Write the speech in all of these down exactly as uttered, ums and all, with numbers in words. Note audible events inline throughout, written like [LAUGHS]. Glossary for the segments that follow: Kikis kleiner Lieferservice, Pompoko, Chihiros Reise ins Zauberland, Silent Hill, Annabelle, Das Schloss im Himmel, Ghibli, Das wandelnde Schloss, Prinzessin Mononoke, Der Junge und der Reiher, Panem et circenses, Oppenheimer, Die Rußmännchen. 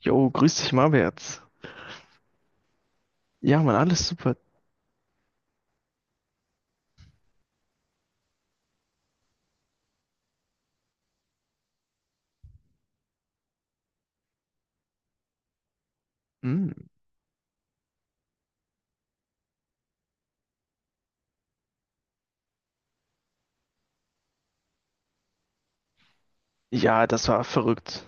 Jo, grüß dich, Marwärts. Ja, Mann, alles super. Hm. Ja, das war verrückt.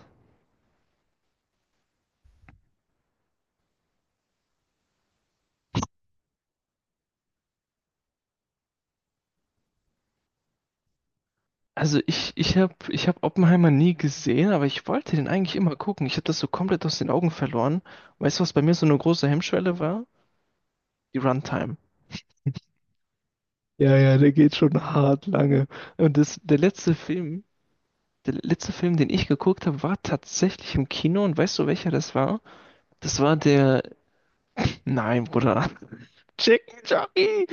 Also ich, ich habe ich hab Oppenheimer nie gesehen, aber ich wollte den eigentlich immer gucken. Ich habe das so komplett aus den Augen verloren. Weißt du, was bei mir so eine große Hemmschwelle war? Die Runtime. Ja, ja, der geht schon hart lange. Und das, der letzte Film, der letzte Film, den ich geguckt habe, war tatsächlich im Kino. Und weißt du, welcher das war? Das war der... Nein, Bruder. [LAUGHS] Chicken Jockey!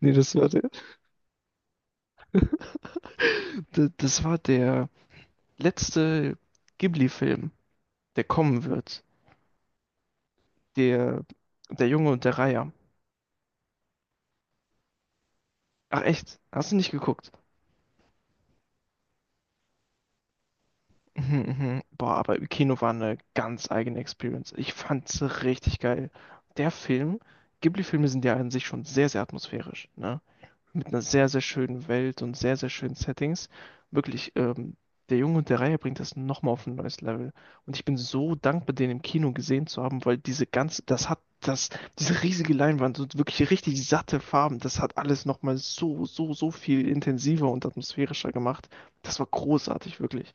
Nee, das war der... Das, das war der... letzte Ghibli-Film, der kommen wird. Der, Der Junge und der Reiher. Ach echt? Hast du nicht geguckt? Mhm, mhm. Boah, aber im Kino war eine ganz eigene Experience. Ich fand's richtig geil. Der Film, Ghibli-Filme sind ja an sich schon sehr, sehr atmosphärisch, ne? Mit einer sehr, sehr schönen Welt und sehr, sehr schönen Settings. Wirklich, ähm, der Junge und der Reihe bringt das nochmal auf ein neues Level. Und ich bin so dankbar, den im Kino gesehen zu haben, weil diese ganze, das hat das, diese riesige Leinwand und wirklich richtig satte Farben, das hat alles nochmal so, so, so viel intensiver und atmosphärischer gemacht. Das war großartig, wirklich.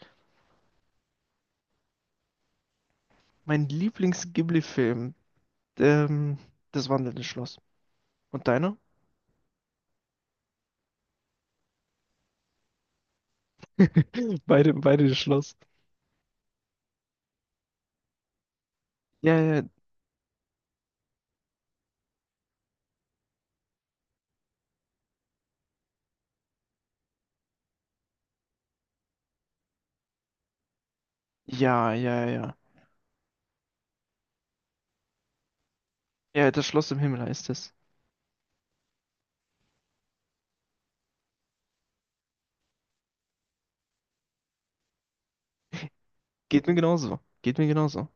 Mein Lieblings-Ghibli-Film, ähm, das wandelnde Schloss. Und deiner? [LAUGHS] beide beide bei Schloss. Ja, ja, ja, ja, ja. Ja, das Schloss im Himmel heißt es. Geht mir genauso. Geht mir genauso.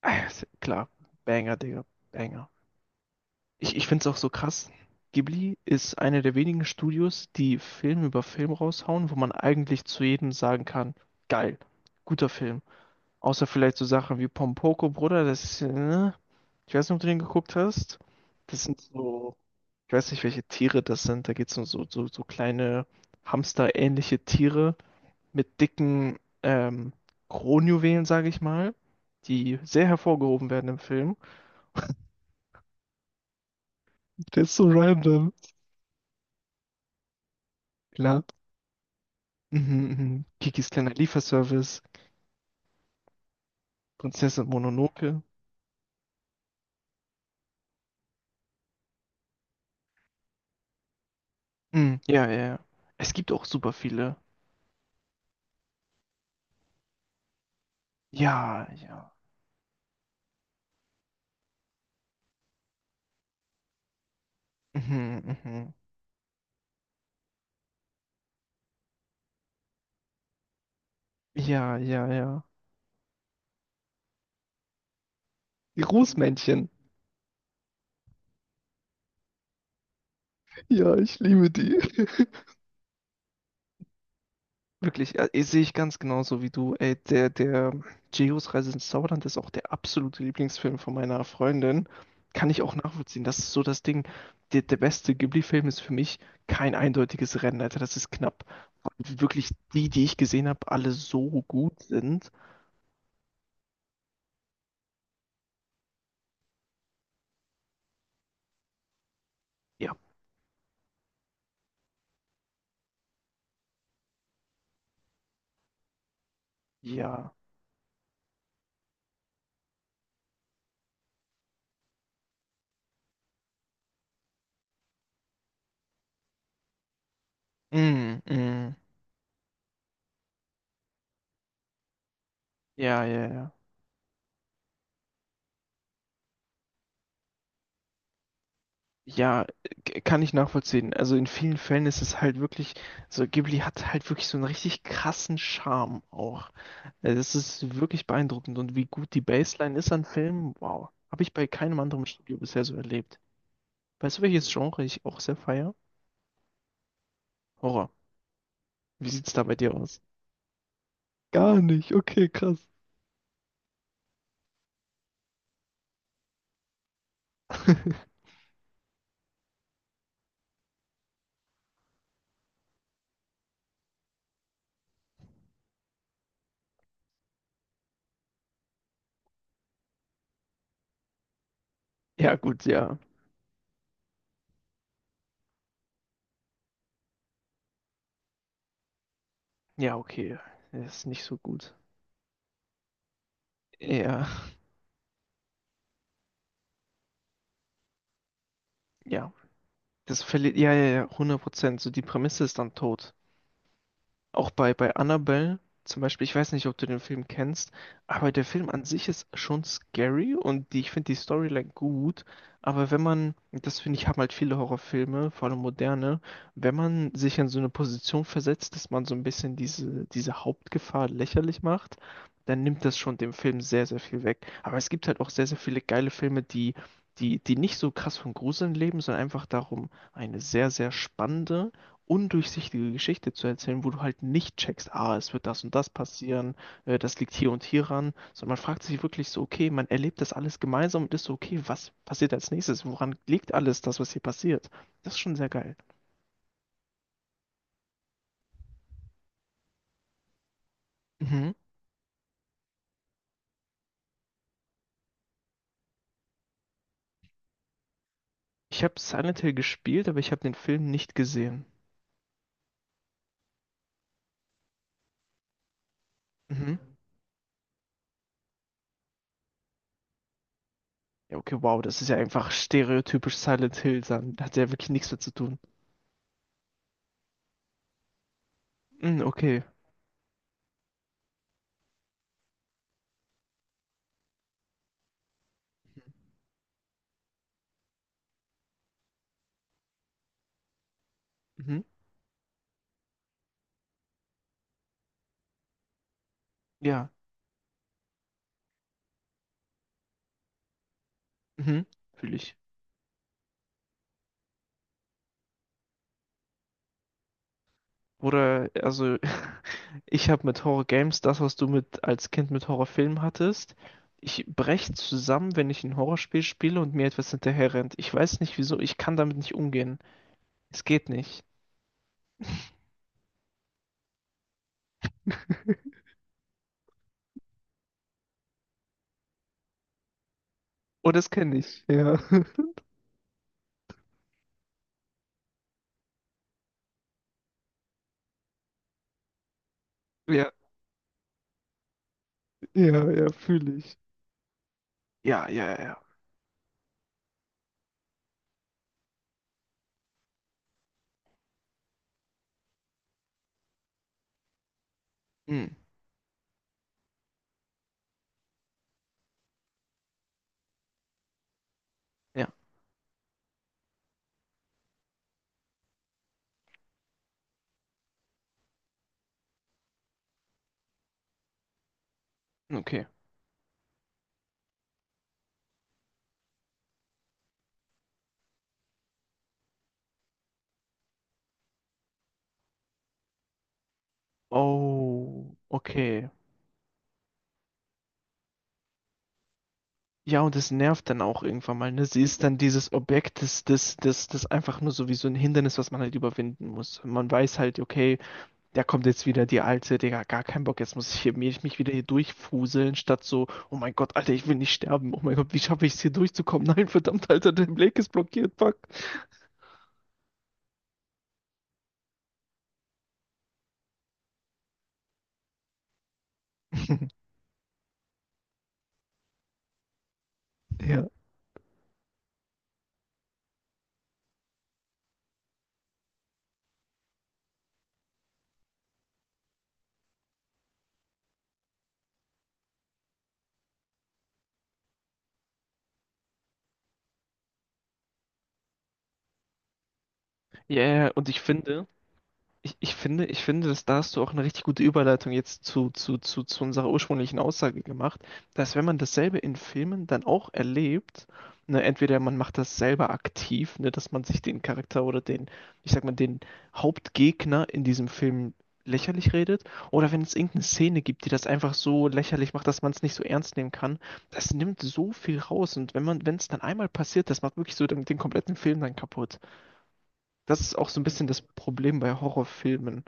Ah, ja, ist ja klar. Banger, Digga, Banger. Ich, ich find's auch so krass. Ghibli ist einer der wenigen Studios, die Film über Film raushauen, wo man eigentlich zu jedem sagen kann, geil, guter Film. Außer vielleicht so Sachen wie Pompoko, Bruder, das ist, äh, ich weiß nicht, ob du den geguckt hast. Das sind so, ich weiß nicht, welche Tiere das sind. Da geht's um so, so, so kleine Hamster-ähnliche Tiere mit dicken ähm, Kronjuwelen, sage ich mal, die sehr hervorgehoben werden im Film. Der ist so random. Klar. Mhm, mhm. Kikis kleiner Lieferservice, Prinzessin Mononoke. Mhm, ja, ja, ja. Es gibt auch super viele. Ja, ja. Mhm, mhm. Ja, ja, ja. Die Rußmännchen. Ja, ich liebe die. [LAUGHS] Wirklich, ja, eh, sehe ich ganz genauso wie du. Ey, der, der Chihiros Reise ins Zauberland ist auch der absolute Lieblingsfilm von meiner Freundin. Kann ich auch nachvollziehen. Das ist so das Ding. Der, der beste Ghibli-Film ist für mich kein eindeutiges Rennen, Alter. Das ist knapp. Weil wirklich die, die ich gesehen habe, alle so gut sind. Ja. Ja. Mm, mm. Ja, ja, ja. Ja, k- kann ich nachvollziehen. Also in vielen Fällen ist es halt wirklich, so Ghibli hat halt wirklich so einen richtig krassen Charme auch. Äh, Das ist wirklich beeindruckend und wie gut die Baseline ist an Filmen, wow. Habe ich bei keinem anderen Studio bisher so erlebt. Weißt du, welches Genre ich auch sehr feier? Horror. Wie sieht's da bei dir aus? Gar nicht, okay, krass. [LAUGHS] Ja, gut, ja. Ja, okay. Das ist nicht so gut. Ja, ja. Das verliert, ja, ja, ja, hundert Prozent. So die Prämisse ist dann tot. Auch bei, bei Annabelle zum Beispiel, ich weiß nicht, ob du den Film kennst, aber der Film an sich ist schon scary und die, ich finde die Storyline gut. Aber wenn man, das finde ich, haben halt viele Horrorfilme, vor allem moderne, wenn man sich in so eine Position versetzt, dass man so ein bisschen diese, diese Hauptgefahr lächerlich macht, dann nimmt das schon dem Film sehr, sehr viel weg. Aber es gibt halt auch sehr, sehr viele geile Filme, die, die, die nicht so krass von Gruseln leben, sondern einfach darum, eine sehr, sehr spannende undurchsichtige Geschichte zu erzählen, wo du halt nicht checkst, ah, es wird das und das passieren, äh, das liegt hier und hier ran, sondern man fragt sich wirklich so, okay, man erlebt das alles gemeinsam und ist so, okay, was passiert als nächstes? Woran liegt alles das, was hier passiert? Das ist schon sehr geil. Mhm. Ich habe Silent Hill gespielt, aber ich habe den Film nicht gesehen. Mhm. Ja, okay, wow, das ist ja einfach stereotypisch Silent Hill, dann hat ja wirklich nichts mehr zu tun. Mhm, okay. Mhm. Ja, mhm. Fühle ich. Oder, also, ich habe mit Horror Games das, was du mit als Kind mit Horrorfilmen hattest. Ich breche zusammen, wenn ich ein Horrorspiel spiele und mir etwas hinterherrennt. Ich weiß nicht wieso, ich kann damit nicht umgehen. Es geht nicht. [LAUGHS] Oh, das kenne ich. Ja. [LAUGHS] Ja, ja, ja, fühle ich. Ja, ja, ja. Ja, hm. Ja, okay. Oh, okay. Ja, und es nervt dann auch irgendwann mal, ne? Sie ist dann dieses Objekt, das, das, das, das einfach nur so wie so ein Hindernis, was man halt überwinden muss. Man weiß halt, okay, da kommt jetzt wieder die alte, Digga, gar keinen Bock, jetzt muss ich hier, mich, mich wieder hier durchfuseln, statt so, oh mein Gott, Alter, ich will nicht sterben, oh mein Gott, wie schaffe ich es hier durchzukommen? [LAUGHS] Nein, verdammt, Alter, der Blake ist blockiert, fuck. [LAUGHS] Ja. Ja, yeah, und ich finde, Ich, ich finde, ich finde, dass da hast du auch eine richtig gute Überleitung jetzt zu, zu, zu, zu unserer ursprünglichen Aussage gemacht, dass wenn man dasselbe in Filmen dann auch erlebt, ne, entweder man macht das selber aktiv, ne, dass man sich den Charakter oder den, ich sag mal, den Hauptgegner in diesem Film lächerlich redet, oder wenn es irgendeine Szene gibt, die das einfach so lächerlich macht, dass man es nicht so ernst nehmen kann, das nimmt so viel raus. Und wenn man, wenn es dann einmal passiert, das macht wirklich so den, den kompletten Film dann kaputt. Das ist auch so ein bisschen das Problem bei Horrorfilmen.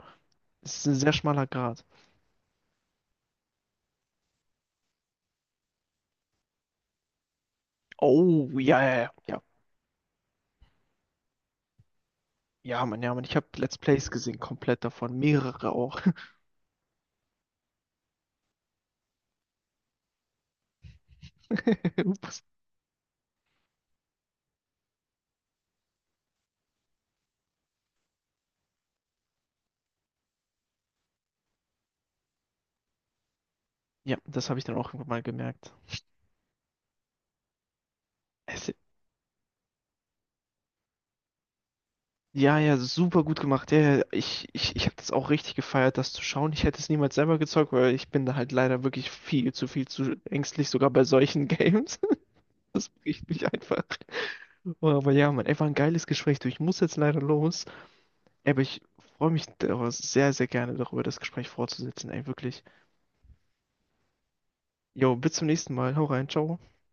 Es ist ein sehr schmaler Grat. Oh, ja, ja, ja. Ja, ja, Mann, ja, Mann. Ich habe Let's Plays gesehen, komplett davon. Mehrere auch. [LAUGHS] Ups. Ja, das habe ich dann auch irgendwann mal gemerkt. Es, ja, ja, super gut gemacht. Ja, ja, ich, ich, ich habe das auch richtig gefeiert, das zu schauen. Ich hätte es niemals selber gezockt, weil ich bin da halt leider wirklich viel zu viel zu ängstlich, sogar bei solchen Games. [LAUGHS] Richtig einfach. Oh, aber ja, Mann, ey, war ein geiles Gespräch. Du, ich muss jetzt leider los. Ey, aber ich freue mich da- sehr, sehr gerne darüber, das Gespräch fortzusetzen. Ey, wirklich. Jo, bis zum nächsten Mal. Hau rein, ciao.